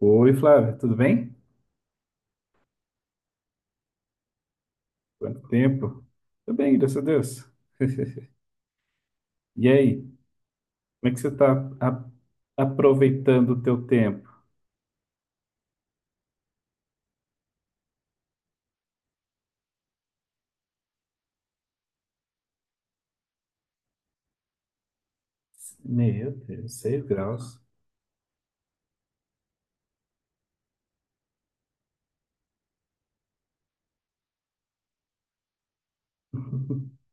Oi, Flávia, tudo bem? Quanto tempo? Tudo bem, graças a Deus. E aí, como é que você está aproveitando o teu tempo? Meu Deus, seis graus.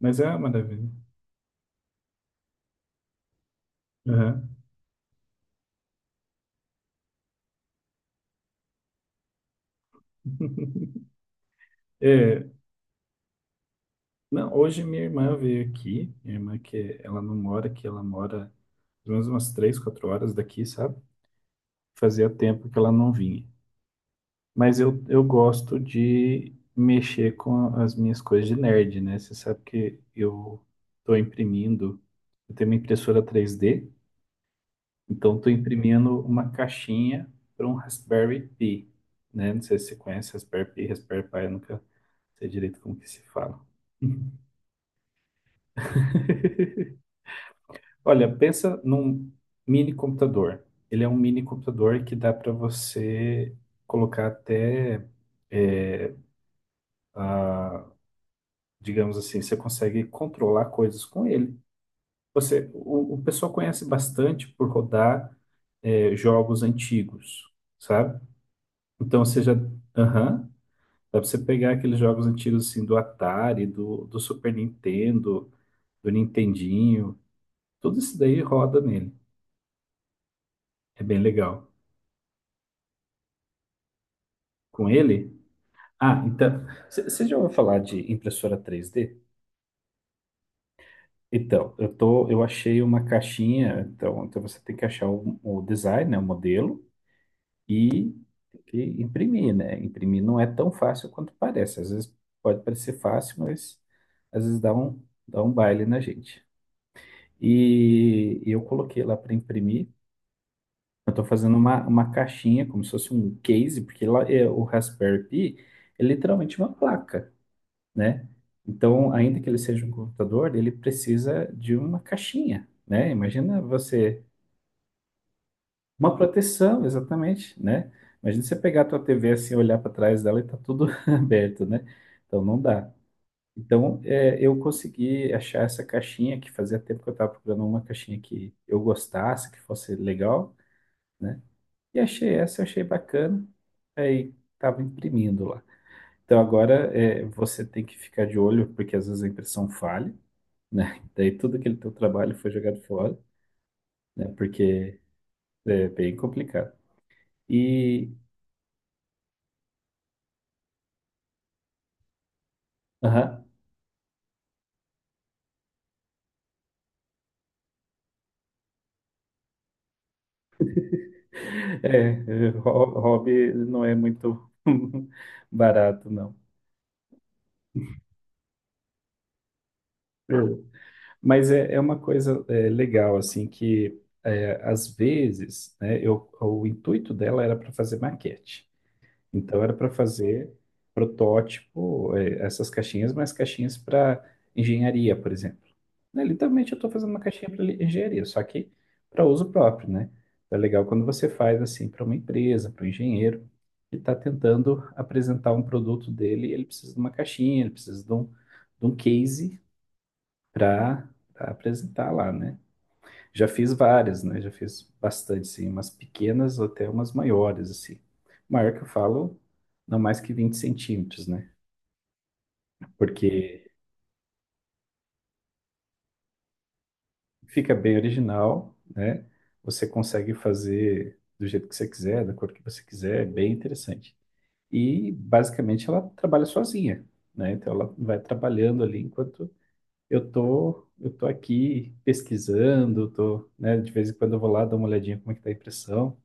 Mas é uma maravilha. Aham. É, não, hoje minha irmã veio aqui, minha irmã que ela não mora aqui, ela mora pelo menos umas três, quatro horas daqui, sabe? Fazia tempo que ela não vinha. Mas eu gosto de mexer com as minhas coisas de nerd, né? Você sabe que eu estou imprimindo, eu tenho uma impressora três d, então estou imprimindo uma caixinha para um Raspberry Pi, né? Não sei se você conhece Raspberry Pi, Raspberry Pi, eu nunca sei direito como que se fala. Olha, pensa num mini computador. Ele é um mini computador que dá para você colocar até é, digamos assim, você consegue controlar coisas com ele. Você, o pessoal conhece bastante por rodar jogos antigos, sabe? Então você já, aham, dá pra você pegar aqueles jogos antigos assim do Atari, do Super Nintendo, do Nintendinho, tudo isso daí roda nele. É bem legal. Com ele? Ah, então, você já ouviu falar de impressora três d? Então, eu achei uma caixinha, então, então você tem que achar o design, né, o modelo, e tem que imprimir, né? Imprimir não é tão fácil quanto parece. Às vezes pode parecer fácil, mas às vezes dá um baile na gente. E eu coloquei lá para imprimir. Eu estou fazendo uma caixinha, como se fosse um case, porque lá é, o Raspberry Pi é literalmente uma placa, né? Então, ainda que ele seja um computador, ele precisa de uma caixinha, né? Imagina você. Uma proteção, exatamente, né? Imagina você pegar a tua TV assim, olhar para trás dela e tá tudo aberto, né? Então não dá. Então é, eu consegui achar essa caixinha que fazia tempo que eu estava procurando uma caixinha que eu gostasse, que fosse legal, né? E achei essa, achei bacana. Aí tava imprimindo lá. Então agora é, você tem que ficar de olho, porque às vezes a impressão falha, né? Daí tudo aquele teu trabalho foi jogado fora, né? Porque é bem complicado. E, aham. É, Hobby não é muito barato, não. É. Mas é, é uma coisa é, legal, assim, que é, às vezes, né, eu, o intuito dela era para fazer maquete. Então, era para fazer protótipo, é, essas caixinhas, mas caixinhas para engenharia, por exemplo. Né, literalmente eu estou fazendo uma caixinha para engenharia, só que para uso próprio, né? É legal quando você faz assim para uma empresa, para um engenheiro que está tentando apresentar um produto dele, ele precisa de uma caixinha, ele precisa de de um case para apresentar lá, né? Já fiz várias, né? Já fiz bastante, assim, umas pequenas até umas maiores, assim. Maior que eu falo, não mais que 20 cm, né? Porque fica bem original, né? Você consegue fazer do jeito que você quiser, da cor que você quiser, é bem interessante. E basicamente ela trabalha sozinha, né? Então ela vai trabalhando ali enquanto eu tô aqui pesquisando, tô, né? De vez em quando eu vou lá dar uma olhadinha como é que tá a impressão,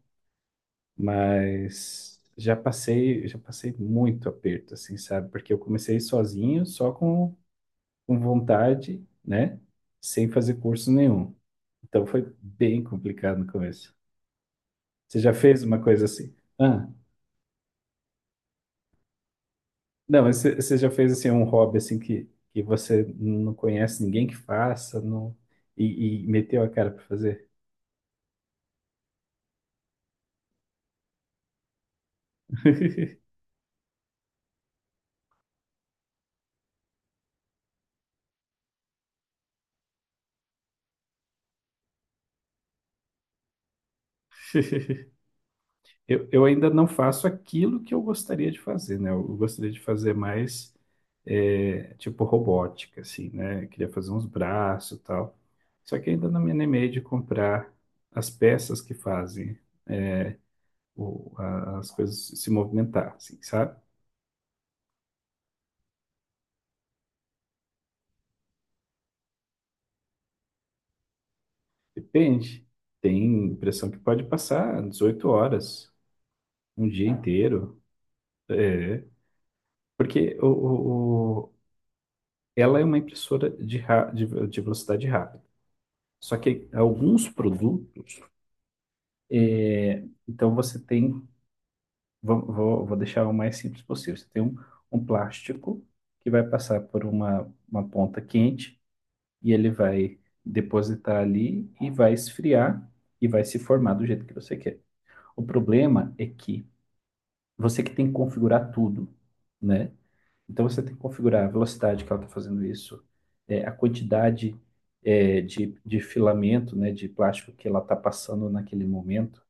mas já passei muito aperto, assim, sabe? Porque eu comecei sozinho, só com vontade, né? Sem fazer curso nenhum. Então foi bem complicado no começo. Você já fez uma coisa assim? Ah, não, mas você já fez assim um hobby assim que você não conhece ninguém que faça, não, e meteu a cara para fazer? Eu ainda não faço aquilo que eu gostaria de fazer, né? Eu gostaria de fazer mais tipo robótica, assim, né? Eu queria fazer uns braços e tal. Só que ainda não me animei de comprar as peças que fazem as coisas se movimentar, assim, sabe? Depende. Tem impressão que pode passar 18 horas, um dia inteiro. É. Porque ela é uma impressora de velocidade rápida. Só que alguns produtos, é, então você tem, vou deixar o mais simples possível. Você tem um, um plástico que vai passar por uma ponta quente e ele vai depositar ali e vai esfriar e vai se formar do jeito que você quer. O problema é que você que tem que configurar tudo, né? Então você tem que configurar a velocidade que ela está fazendo isso, é, a quantidade é, de filamento, né, de plástico que ela está passando naquele momento.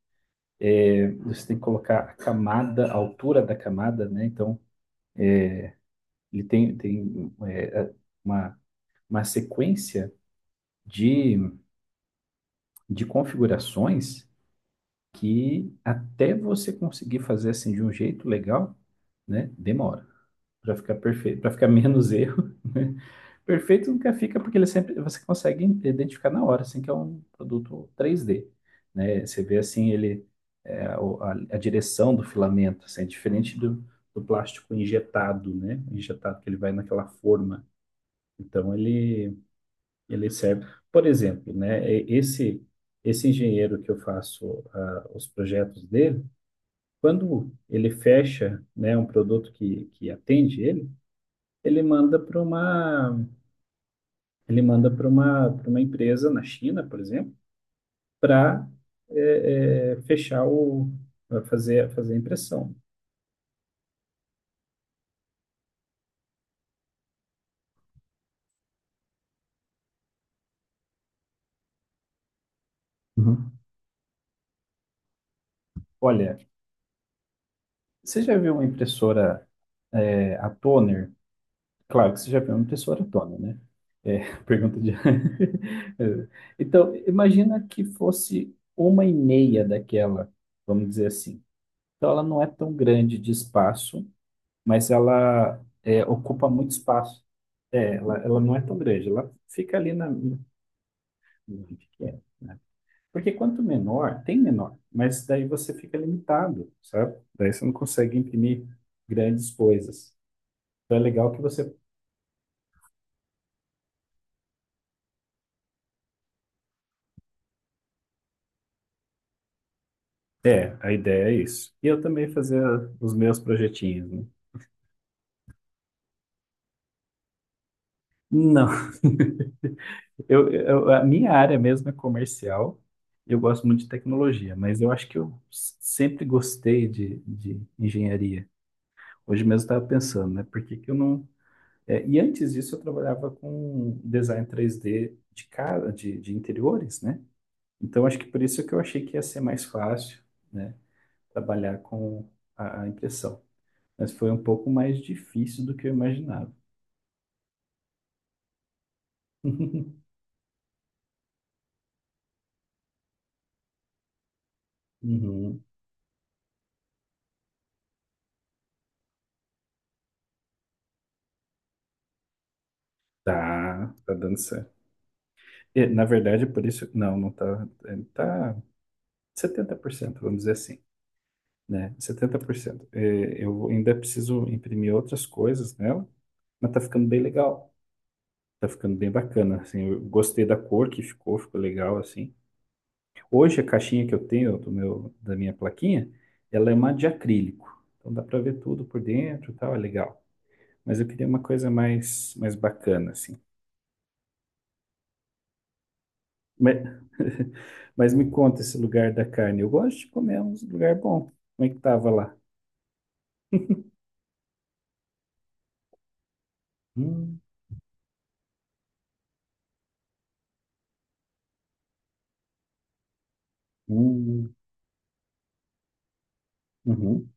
Você tem que colocar a camada, a altura da camada, né? Então ele tem é, uma, uma sequência de, de configurações que até você conseguir fazer assim de um jeito legal, né, demora. Para ficar perfeito, para ficar menos erro. Perfeito nunca fica porque ele sempre você consegue identificar na hora, assim que é um produto 3D, né? Você vê assim ele é, a direção do filamento, assim, é diferente do, do plástico injetado, né? Injetado que ele vai naquela forma. Então ele ele serve, por exemplo, né? Esse esse engenheiro que eu faço ah, os projetos dele, quando ele fecha, né, um produto que atende ele, ele manda para uma. Ele manda para uma empresa na China, por exemplo, para fechar o, pra fazer a impressão. Uhum. Olha, você já viu uma impressora, é, a toner? Claro que você já viu uma impressora toner, né? É, pergunta de. É. Então, imagina que fosse uma e meia daquela, vamos dizer assim. Então, ela não é tão grande de espaço, mas ela é, ocupa muito espaço. É, ela não é tão grande, ela fica ali pequena, né? Porque quanto menor, tem menor, mas daí você fica limitado, sabe? Daí você não consegue imprimir grandes coisas. Então é legal que você. É, a ideia é isso. E eu também fazer os meus projetinhos, né? Não, a minha área mesmo é comercial. Eu gosto muito de tecnologia, mas eu acho que eu sempre gostei de engenharia. Hoje mesmo eu estava pensando, né? Por que que eu não. É, e antes disso eu trabalhava com design 3D de casa, de interiores, né? Então acho que por isso que eu achei que ia ser mais fácil, né? Trabalhar com a impressão. Mas foi um pouco mais difícil do que eu imaginava. Uhum. Tá, tá dando certo. E, na verdade, por isso. Não, não tá. É, tá setenta por cento, vamos dizer assim. Né? 70%. É, eu ainda preciso imprimir outras coisas nela, mas tá ficando bem legal. Tá ficando bem bacana, assim, eu gostei da cor que ficou, ficou legal, assim. Hoje a caixinha que eu tenho do meu, da minha plaquinha, ela é uma de acrílico. Então dá para ver tudo por dentro e tal, é legal. Mas eu queria uma coisa mais, mais bacana, assim. Mas, mas me conta esse lugar da carne. Eu gosto de comer um lugar bom. Como é que tava lá? Hum, hum, hum,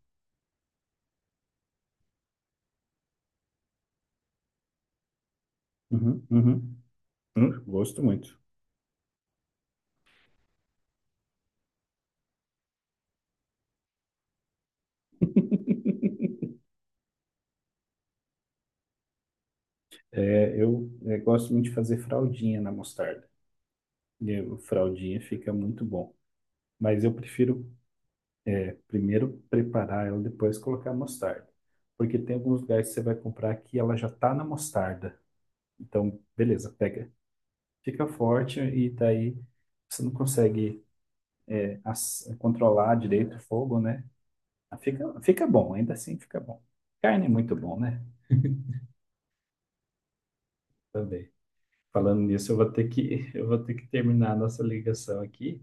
uhum, uhum, uhum. Gosto muito. É, gosto muito de fazer fraldinha na mostarda. E o fraldinha fica muito bom. Mas eu prefiro primeiro preparar ela, depois colocar a mostarda. Porque tem alguns lugares que você vai comprar que ela já tá na mostarda. Então, beleza, pega. Fica forte e daí você não consegue controlar direito o fogo, né? Fica, fica bom, ainda assim fica bom. Carne é muito bom, né? Também. Falando nisso, eu vou ter que, eu vou ter que terminar a nossa ligação aqui,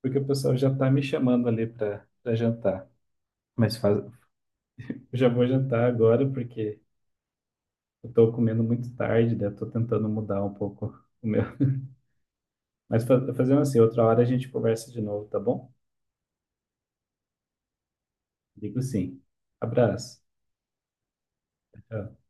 porque o pessoal já tá me chamando ali para jantar. Mas faz... já vou jantar agora porque eu tô comendo muito tarde, né? Eu tô tentando mudar um pouco o meu. Mas fazendo assim, outra hora a gente conversa de novo, tá bom? Digo sim. Abraço. Tchau.